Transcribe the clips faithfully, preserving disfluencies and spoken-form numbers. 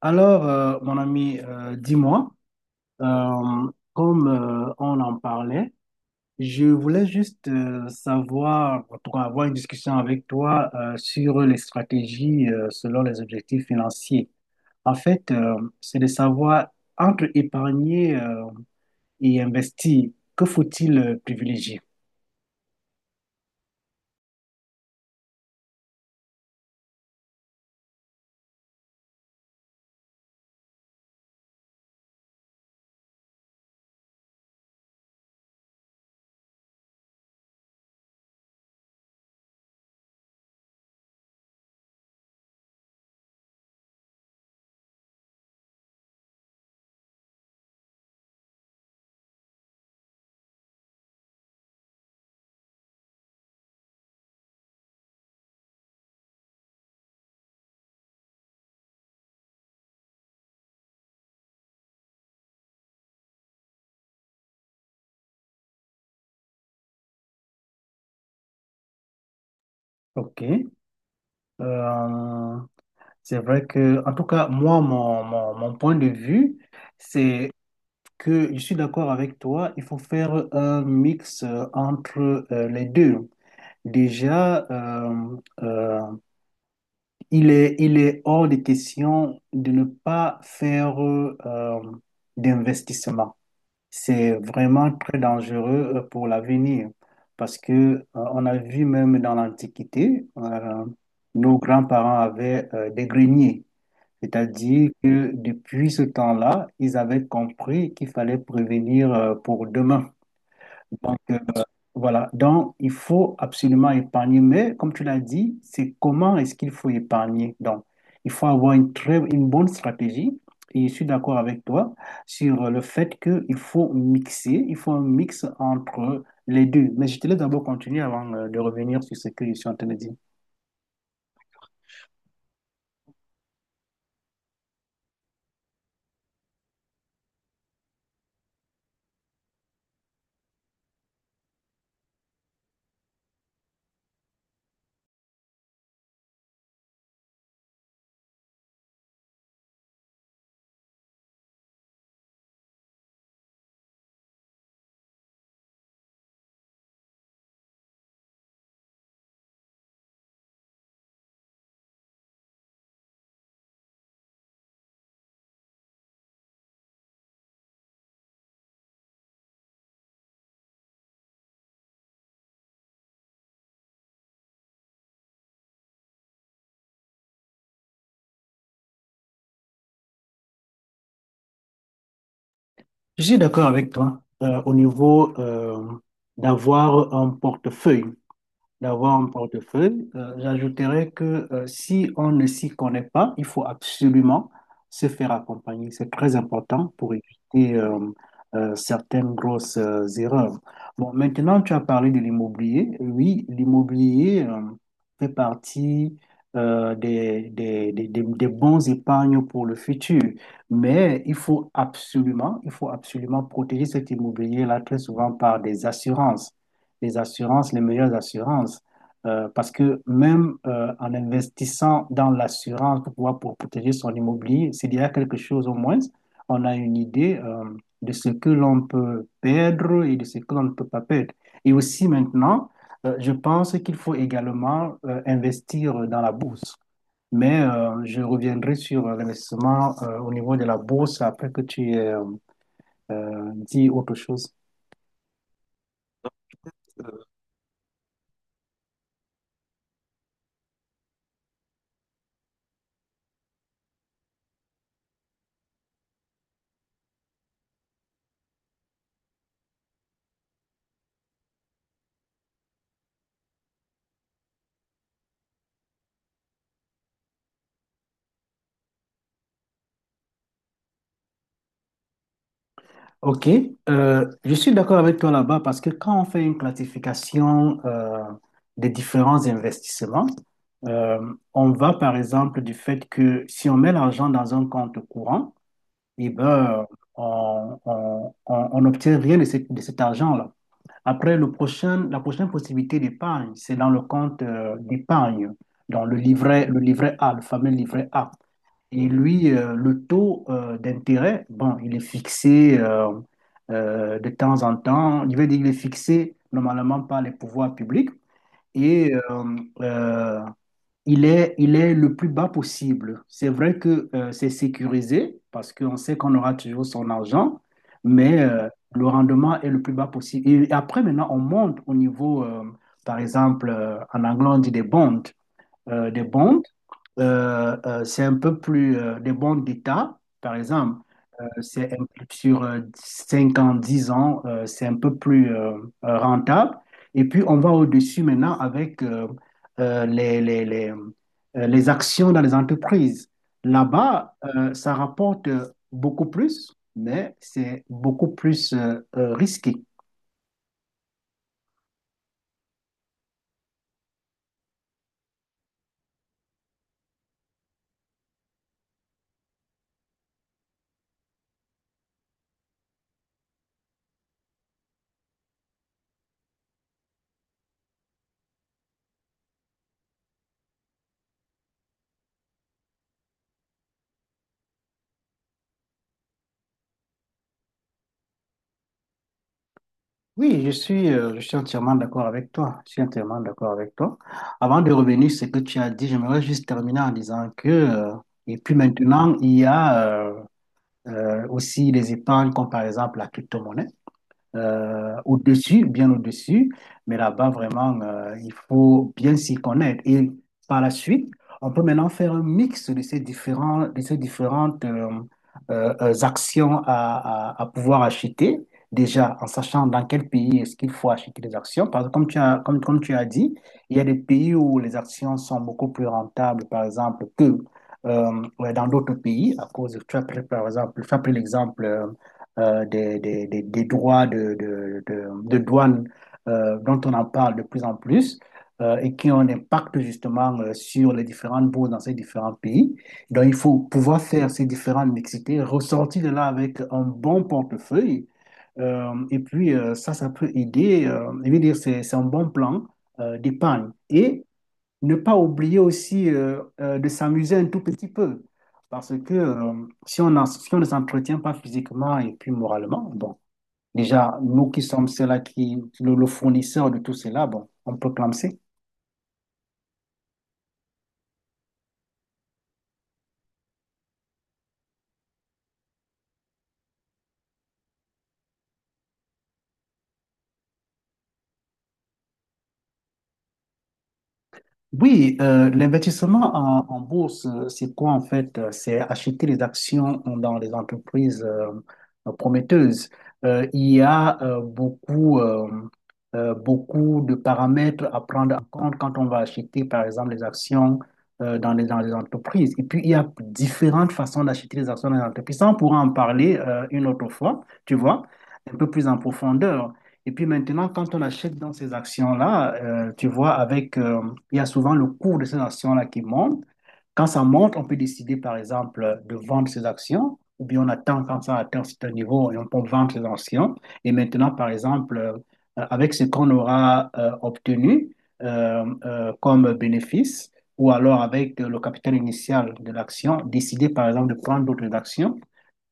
Alors, euh, mon ami, euh, dis-moi, euh, comme euh, on en parlait. Je voulais juste euh, savoir, en tout cas, avoir une discussion avec toi euh, sur les stratégies euh, selon les objectifs financiers. En fait, euh, c'est de savoir entre épargner euh, et investir, que faut-il euh, privilégier? OK. Euh, c'est vrai que, en tout cas, moi, mon, mon, mon point de vue, c'est que je suis d'accord avec toi, il faut faire un mix euh, entre euh, les deux. Déjà, euh, euh, il est, il est hors de question de ne pas faire euh, euh, d'investissement. C'est vraiment très dangereux euh, pour l'avenir, parce que euh, on a vu même dans l'Antiquité, euh, nos grands-parents avaient euh, des greniers. C'est-à-dire que depuis ce temps-là, ils avaient compris qu'il fallait prévenir euh, pour demain. Donc, euh, voilà. Donc, il faut absolument épargner. Mais comme tu l'as dit, c'est comment est-ce qu'il faut épargner. Donc, il faut avoir une très, une bonne stratégie. Et je suis d'accord avec toi sur euh, le fait qu'il faut mixer, il faut un mix entre les deux. Mais je te laisse d'abord continuer avant euh, de revenir sur ce que je suis en train de dire. Je suis d'accord avec toi euh, au niveau euh, d'avoir un portefeuille d'avoir un portefeuille. Euh, j'ajouterais que euh, si on ne s'y connaît pas, il faut absolument se faire accompagner. C'est très important pour éviter euh, euh, certaines grosses euh, erreurs. Bon, maintenant, tu as parlé de l'immobilier. Oui, l'immobilier euh, fait partie euh, des, des, des, des, des bons épargnes pour le futur. Mais il faut absolument, il faut absolument protéger cet immobilier-là très souvent par des assurances, les assurances, les meilleures assurances. Euh, parce que même euh, en investissant dans l'assurance pour pouvoir pour protéger son immobilier, s'il y a quelque chose au moins, on a une idée euh, de ce que l'on peut perdre et de ce que l'on ne peut pas perdre. Et aussi maintenant, euh, je pense qu'il faut également euh, investir dans la bourse. Mais euh, je reviendrai sur l'investissement euh, au niveau de la bourse après que tu aies euh, euh, dit autre chose. Ok, euh, je suis d'accord avec toi là-bas parce que quand on fait une classification euh, des différents investissements, euh, on va par exemple du fait que si on met l'argent dans un compte courant, eh ben, euh, on, on, on- on n'obtient rien de, cet- de cet argent-là. Après, le prochain, la prochaine possibilité d'épargne, c'est dans le compte euh, d'épargne, dans le livret, le livret A, le fameux livret A. Et lui, euh, le taux euh, d'intérêt, bon, il est fixé euh, euh, de temps en temps. Il veut dire qu'il est fixé normalement par les pouvoirs publics, et euh, euh, il est, il est le plus bas possible. C'est vrai que euh, c'est sécurisé parce qu'on sait qu'on aura toujours son argent, mais euh, le rendement est le plus bas possible. Et après, maintenant, on monte au niveau, euh, par exemple, euh, en anglais, on dit des bonds, euh, des bonds. Euh, euh, c'est un peu plus euh, des bons d'État, par exemple. Euh, c'est un- sur euh, cinq ans, dix ans, euh, c'est un peu plus euh, euh, rentable. Et puis, on va au-dessus maintenant avec euh, euh, les, les, les, euh, les actions dans les entreprises. Là-bas, euh, ça rapporte euh, beaucoup plus, mais c'est beaucoup plus euh, euh, risqué. Oui, je suis, euh, je suis entièrement d'accord avec toi. Je suis entièrement d'accord avec toi. Avant de revenir sur ce que tu as dit, j'aimerais juste terminer en disant que, euh, et puis maintenant, il y a euh, euh, aussi les épargnes comme par exemple la crypto-monnaie euh, au-dessus, bien au-dessus. Mais là-bas, vraiment, euh, il faut bien s'y connaître. Et par la suite, on peut maintenant faire un mix de ces différents, de ces différentes euh, euh, euh, actions à, à- à pouvoir acheter. Déjà, en sachant dans quel pays est-ce qu'il faut acheter les actions. Parce que comme tu as, comme, comme tu as dit, il y a des pays où les actions sont beaucoup plus rentables, par exemple, que euh, ouais, dans d'autres pays, à cause, tu as pris, par exemple, tu as pris l'exemple euh, euh, des, des, des, des droits de, de, de, de douane euh, dont on en parle de plus en plus, euh, et qui ont un impact justement euh, sur les différentes bourses dans ces différents pays. Donc il faut pouvoir faire ces différentes mixités, ressortir de là avec un bon portefeuille. Euh, et puis euh, ça, ça peut aider. Euh, je veux dire, c'est, c'est un bon plan euh, d'épargne. Et ne pas oublier aussi euh, euh, de s'amuser un tout petit peu. Parce que euh, si on, en- si on ne s'entretient pas physiquement et puis moralement, bon, déjà, nous qui sommes ceux-là qui, le, le fournisseur de tout cela, bon, on peut clamser. Oui, euh, l'investissement en, en bourse, euh, c'est quoi en fait? euh, C'est acheter les actions dans les entreprises euh, prometteuses. Euh, il y a euh, beaucoup, euh, euh, beaucoup de paramètres à prendre en compte quand on va acheter, par exemple, les actions euh, dans les, dans les entreprises. Et puis, il y a différentes façons d'acheter les actions dans les entreprises. Ça, on pourra en parler euh, une autre fois, tu vois, un peu plus en profondeur. Et puis maintenant, quand on achète dans ces actions-là, euh, tu vois, avec, euh, il y a souvent le cours de ces actions-là qui monte. Quand ça monte, on peut décider, par exemple, de vendre ces actions, ou bien on attend quand ça atteint un certain niveau et on peut vendre ces actions. Et maintenant, par exemple, euh, avec ce qu'on aura euh, obtenu euh, euh, comme bénéfice, ou alors avec euh, le capital initial de l'action, décider, par exemple, de prendre d'autres actions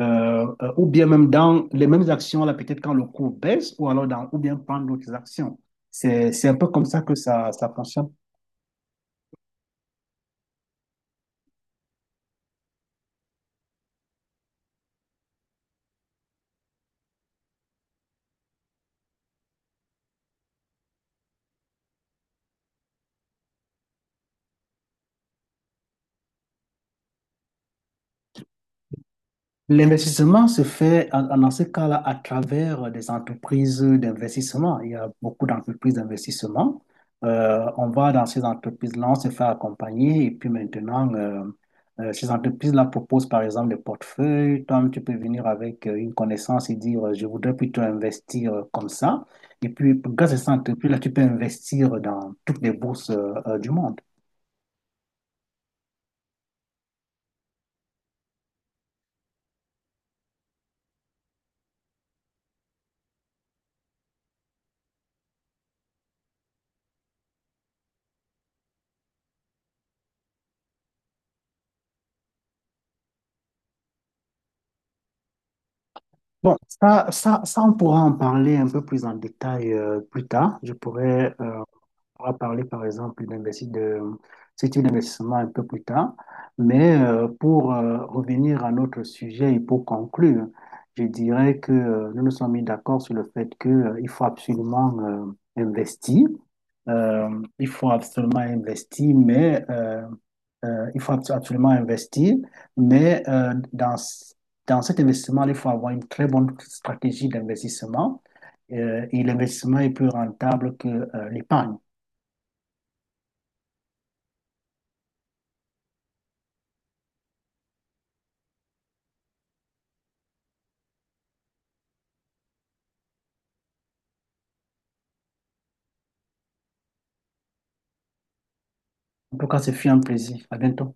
euh, euh, ou bien même dans les mêmes actions, là, peut-être quand le cours baisse, ou alors dans, ou bien prendre d'autres actions. C'est, c'est un peu comme ça que ça, ça fonctionne. L'investissement se fait en- en- dans ce cas-là à travers des entreprises d'investissement. Il y a beaucoup d'entreprises d'investissement. Euh, on va dans ces entreprises-là, on se fait accompagner et puis maintenant, euh, euh, ces entreprises-là proposent par exemple des portefeuilles. Toi, tu peux venir avec euh, une connaissance et dire, euh, je voudrais plutôt investir euh, comme ça. Et puis, grâce à ces entreprises-là, tu peux investir dans toutes les bourses euh, euh, du monde. Bon, ça, ça, ça, on pourra en parler un peu plus en détail euh, plus tard. Je pourrais euh, On va parler par exemple d'investi- de ce type d'investissement un peu plus tard. Mais euh, pour euh, revenir à notre sujet et pour conclure, je dirais que euh, nous nous sommes mis d'accord sur le fait que, euh, il faut absolument euh, investir. Euh, il faut absolument investir, mais euh, euh, il faut abso- absolument investir. Mais euh, dans, c- dans cet investissement, il faut avoir une très bonne stratégie d'investissement. Euh, et l'investissement est plus rentable que euh, l'épargne. En tout cas, ce fut un plaisir. À bientôt.